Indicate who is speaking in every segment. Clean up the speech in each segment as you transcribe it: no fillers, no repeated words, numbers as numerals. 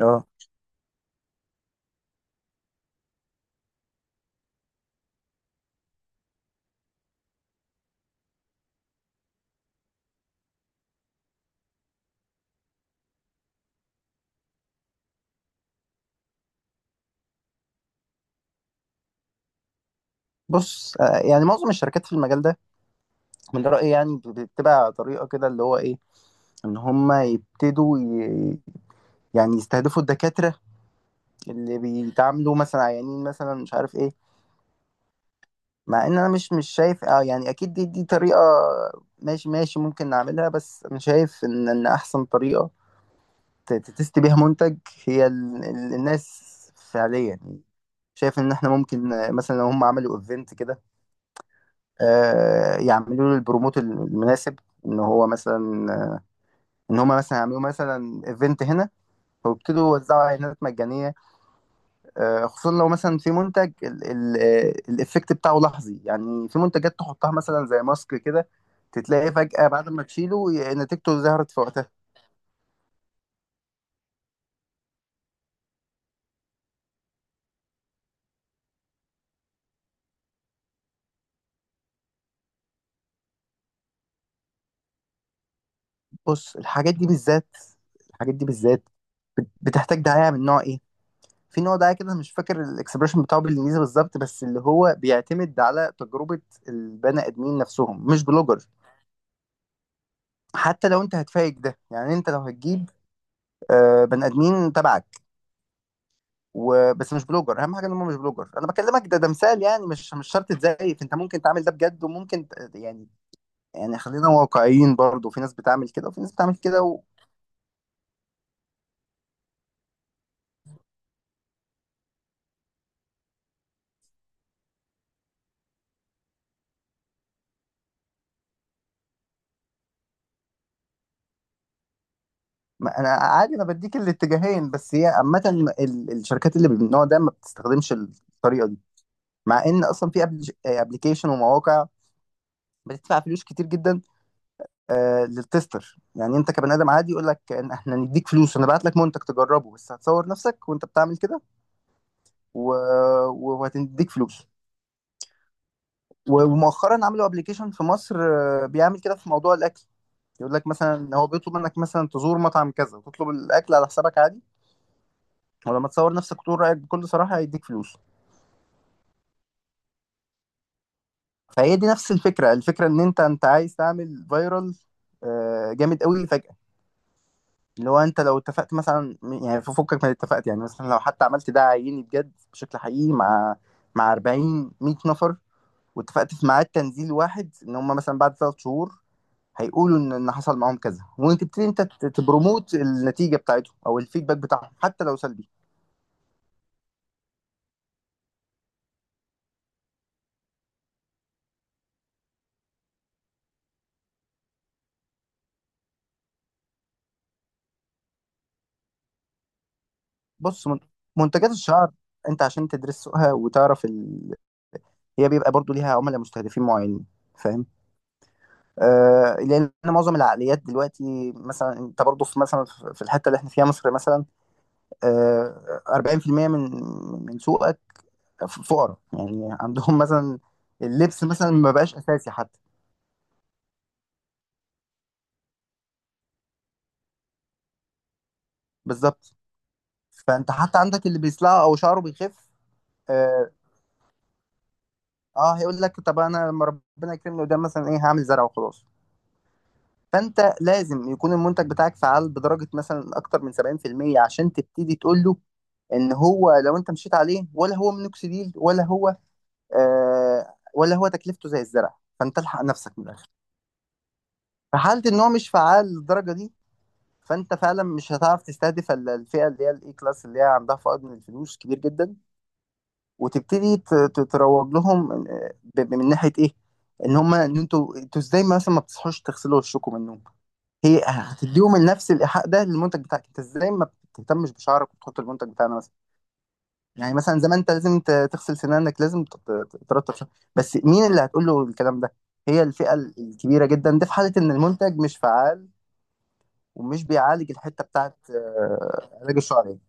Speaker 1: اه. بص. معظم الشركات في المجال ده من رأيي بتبقى طريقة كده اللي هو ايه، ان هم يبتدوا ي... يعني يستهدفوا الدكاترة اللي بيتعاملوا مثلا عيانين مثلا مش عارف ايه. مع ان انا مش شايف اه يعني اكيد دي طريقة ماشي ممكن نعملها، بس انا شايف ان احسن طريقة تتست بيها منتج هي الناس فعليا، يعني شايف ان احنا ممكن مثلا لو هم عملوا ايفنت كده، يعملوا له البروموت المناسب. ان هو مثلا ان هما مثلا يعملوا مثلا ايفنت هنا، ويبتدوا يوزعوا اعلانات مجانيه، خصوصا لو مثلا في منتج الايفكت بتاعه لحظي. يعني في منتجات تحطها مثلا زي ماسك كده، تتلاقي فجاه بعد ما تشيله نتيجته ظهرت في وقتها. بص، الحاجات دي بالذات بتحتاج دعايه من نوع ايه؟ في نوع دعاية كده مش فاكر الاكسبريشن بتاعه بالانجليزي بالظبط، بس اللي هو بيعتمد على تجربة البني ادمين نفسهم مش بلوجر. حتى لو انت هتفايق ده، يعني انت لو هتجيب بني ادمين تبعك وبس مش بلوجر، اهم حاجه ان هم مش بلوجر. انا بكلمك، ده مثال، يعني مش شرط تزيف، انت ممكن تعمل ده بجد وممكن يعني يعني خلينا واقعيين، برضه في ناس بتعمل كده وفي ناس بتعمل كده و... ما انا عادي انا بديك الاتجاهين، بس هي عامه الشركات اللي من النوع ده ما بتستخدمش الطريقه دي. مع ان اصلا في ابلكيشن ومواقع بتدفع فلوس كتير جدا آه للتستر، يعني انت كبني ادم عادي يقول لك إن احنا هنديك فلوس، هنبعت لك منتج تجربه بس هتصور نفسك وانت بتعمل كده و... وهتديك فلوس. ومؤخرا عملوا ابلكيشن في مصر بيعمل كده في موضوع الاكل، يقول لك مثلا إن هو بيطلب منك مثلا تزور مطعم كذا وتطلب الاكل على حسابك عادي، ولما تصور نفسك وتقول رايك بكل صراحه هيديك فلوس. فهي دي نفس الفكره. الفكره ان انت عايز تعمل فايرال جامد قوي فجاه، اللي هو انت لو اتفقت مثلا، يعني في فكك من اتفقت، يعني مثلا لو حتى عملت ده عيني بجد بشكل حقيقي مع 40 100 نفر، واتفقت في ميعاد تنزيل واحد ان هم مثلا بعد ثلاث شهور هيقولوا ان حصل معاهم كذا، وانت تبتدي انت تبروموت النتيجه بتاعتهم او الفيدباك بتاعهم حتى لو سلبي. بص منتجات الشعر، انت عشان تدرس سوقها وتعرف ال... هي بيبقى برضو ليها عملاء مستهدفين معينين، فاهم؟ آه لان معظم العقليات دلوقتي، مثلا انت برضو في مثلا في الحته اللي احنا فيها مصر مثلا، 40% من من سوقك فقراء، يعني عندهم مثلا اللبس مثلا ما بقاش اساسي حتى. بالظبط، فانت حتى عندك اللي بيصلع او شعره بيخف اه. هيقول لك طب انا لما ربنا يكرمني قدام مثلا ايه هعمل زرع وخلاص. فانت لازم يكون المنتج بتاعك فعال بدرجه مثلا اكتر من 70% عشان تبتدي تقول له ان هو لو انت مشيت عليه ولا هو مينوكسيديل ولا هو ولا هو تكلفته زي الزرع. فانت الحق نفسك من الاخر، في حالة ان هو مش فعال للدرجة دي فانت فعلا مش هتعرف تستهدف الفئة اللي هي الاي كلاس اللي هي عندها فائض من الفلوس كبير جدا، وتبتدي تروج لهم، من ناحية ايه، ان هم ان انتوا ازاي مثلا ما بتصحوش تغسلوا وشكم من النوم. هي هتديهم نفس الايحاء ده للمنتج بتاعك، انت ازاي ما بتهتمش بشعرك وتحط المنتج بتاعنا مثلا. يعني مثلا زمان انت لازم تغسل سنانك، لازم ترطب شعرك، بس مين اللي هتقول له الكلام ده؟ هي الفئة الكبيرة جدا ده في حالة ان المنتج مش فعال ومش بيعالج الحته بتاعت علاج الشعر يعني.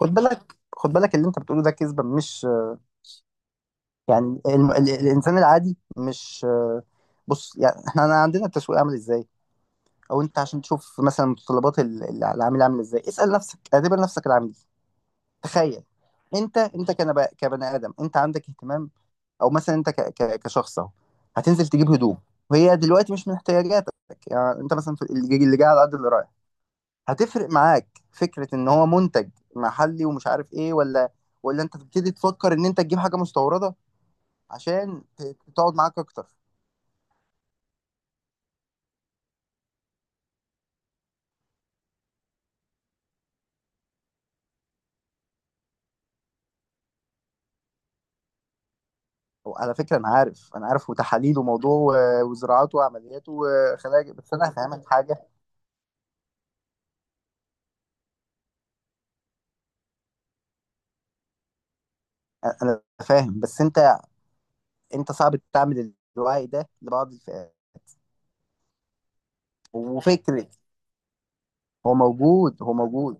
Speaker 1: خد بالك، اللي انت بتقوله ده كذبه، مش يعني الانسان العادي مش بص يعني احنا أنا عندنا التسويق عامل ازاي، او انت عشان تشوف مثلا متطلبات العميل عامل ازاي، اسال نفسك اعتبر نفسك العميل، تخيل انت كبني ادم انت عندك اهتمام، او مثلا انت كشخص اهو هتنزل تجيب هدوم، وهي دلوقتي مش من احتياجاتك، يعني انت مثلا اللي جاي على قد اللي رايح، هتفرق معاك فكرة ان هو منتج محلي ومش عارف ايه، ولا ولا انت تبتدي تفكر ان انت تجيب حاجة مستوردة عشان تقعد معاك اكتر. على فكرة انا عارف وتحاليل وموضوع وزراعات وعمليات وخلايا، بس انا هفهمك حاجة، انا فاهم بس انت انت صعب تعمل الوعي ده لبعض الفئات. وفكرة هو موجود.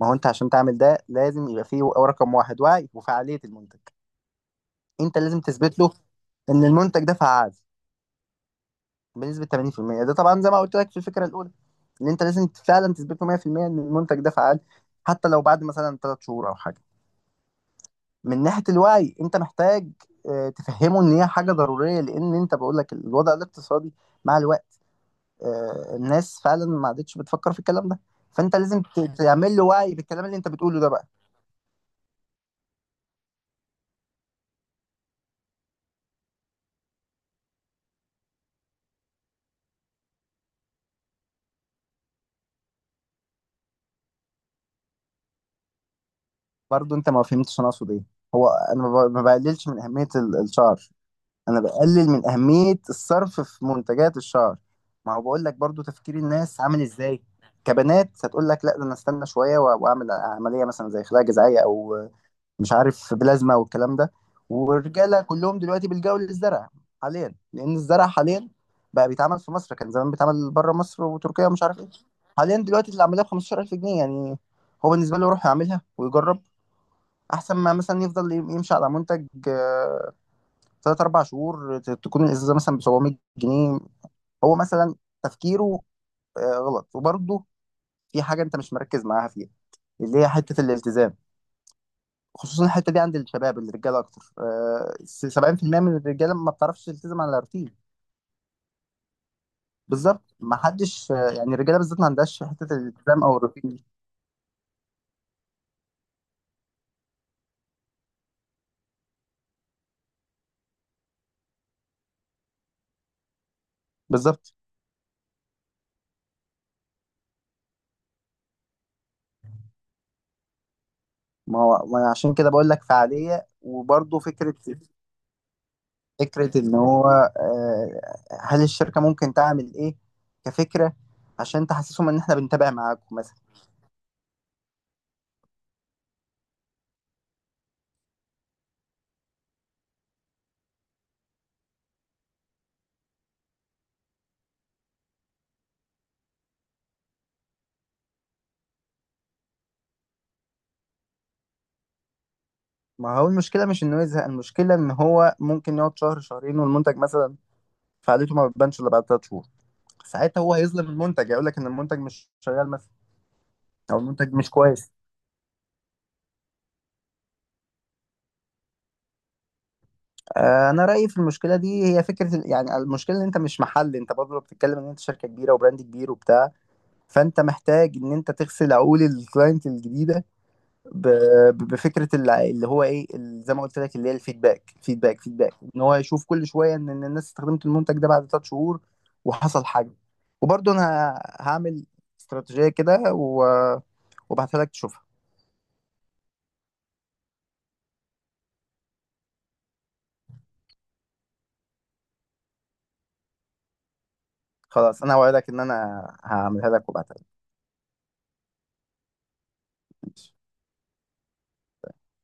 Speaker 1: ما هو انت عشان تعمل ده لازم يبقى فيه رقم واحد وعي وفعالية المنتج. انت لازم تثبت له ان المنتج ده فعال بنسبه 80%، ده طبعا زي ما قلت لك في الفكره الاولى ان انت لازم فعلا تثبته 100% ان المنتج ده فعال حتى لو بعد مثلا 3 شهور او حاجه. من ناحيه الوعي انت محتاج تفهمه ان هي حاجه ضروريه، لان انت بقول لك الوضع الاقتصادي مع الوقت، الناس فعلا ما عادتش بتفكر في الكلام ده، فانت لازم تعمل له وعي بالكلام اللي انت بتقوله ده بقى. برضه انت ما فهمتش انا اقصد ايه، هو انا ما بقللش من اهميه الشعر، انا بقلل من اهميه الصرف في منتجات الشعر. ما هو بقول لك برضو تفكير الناس عامل ازاي، كبنات هتقول لك لا ده انا استنى شويه واعمل عمليه مثلا زي خلايا جذعيه، او مش عارف بلازما والكلام ده. والرجاله كلهم دلوقتي بيلجأوا للزرع حاليا، لان الزرع حاليا بقى بيتعمل في مصر، كان زمان بيتعمل بره مصر وتركيا ومش عارف ايه. حاليا دلوقتي اللي عملها ب 15000 جنيه يعني هو بالنسبه له يروح يعملها ويجرب، احسن ما مثلا يفضل يمشي على منتج ثلاث اربع شهور تكون الازازه مثلا ب 700 جنيه. هو مثلا تفكيره غلط، وبرضه في حاجه انت مش مركز معاها فيها اللي هي حته الالتزام، خصوصا الحته دي عند الشباب الرجاله اكتر. 70% من الرجاله ما بتعرفش تلتزم على الروتين. بالظبط ما حدش يعني الرجاله بالذات ما عندهاش حته الالتزام او الروتين دي. بالظبط. ما هو ما أنا عشان كده بقول لك فعاليه وبرضه فكره. فكرة إن هو آه، هل الشركة ممكن تعمل إيه كفكرة عشان تحسسهم إن إحنا بنتابع معاكم مثلا. ما هو المشكلة مش إنه يزهق، المشكلة إن هو ممكن يقعد شهر شهرين والمنتج مثلا فعاليته ما بتبانش إلا بعد تلات شهور، ساعتها هو هيظلم المنتج يقول لك إن المنتج مش شغال مثلا أو المنتج مش كويس. أنا رأيي في المشكلة دي هي فكرة ال- يعني المشكلة إن أنت مش محل، أنت برضه بتتكلم إن أنت شركة كبيرة وبراند كبير وبتاع، فأنت محتاج إن أنت تغسل عقول الكلاينت الجديدة ب- بفكره اللي هو ايه ال- زي ما قلت لك اللي هي الفيدباك فيدباك، ان هو يشوف كل شويه ان إن الناس استخدمت المنتج ده بعد ثلاث شهور وحصل حاجه. وبرضه انا هعمل استراتيجيه كده وابعتها لك تشوفها. خلاص انا اوعدك ان انا هعملها لك وابعتها لك. ماشي.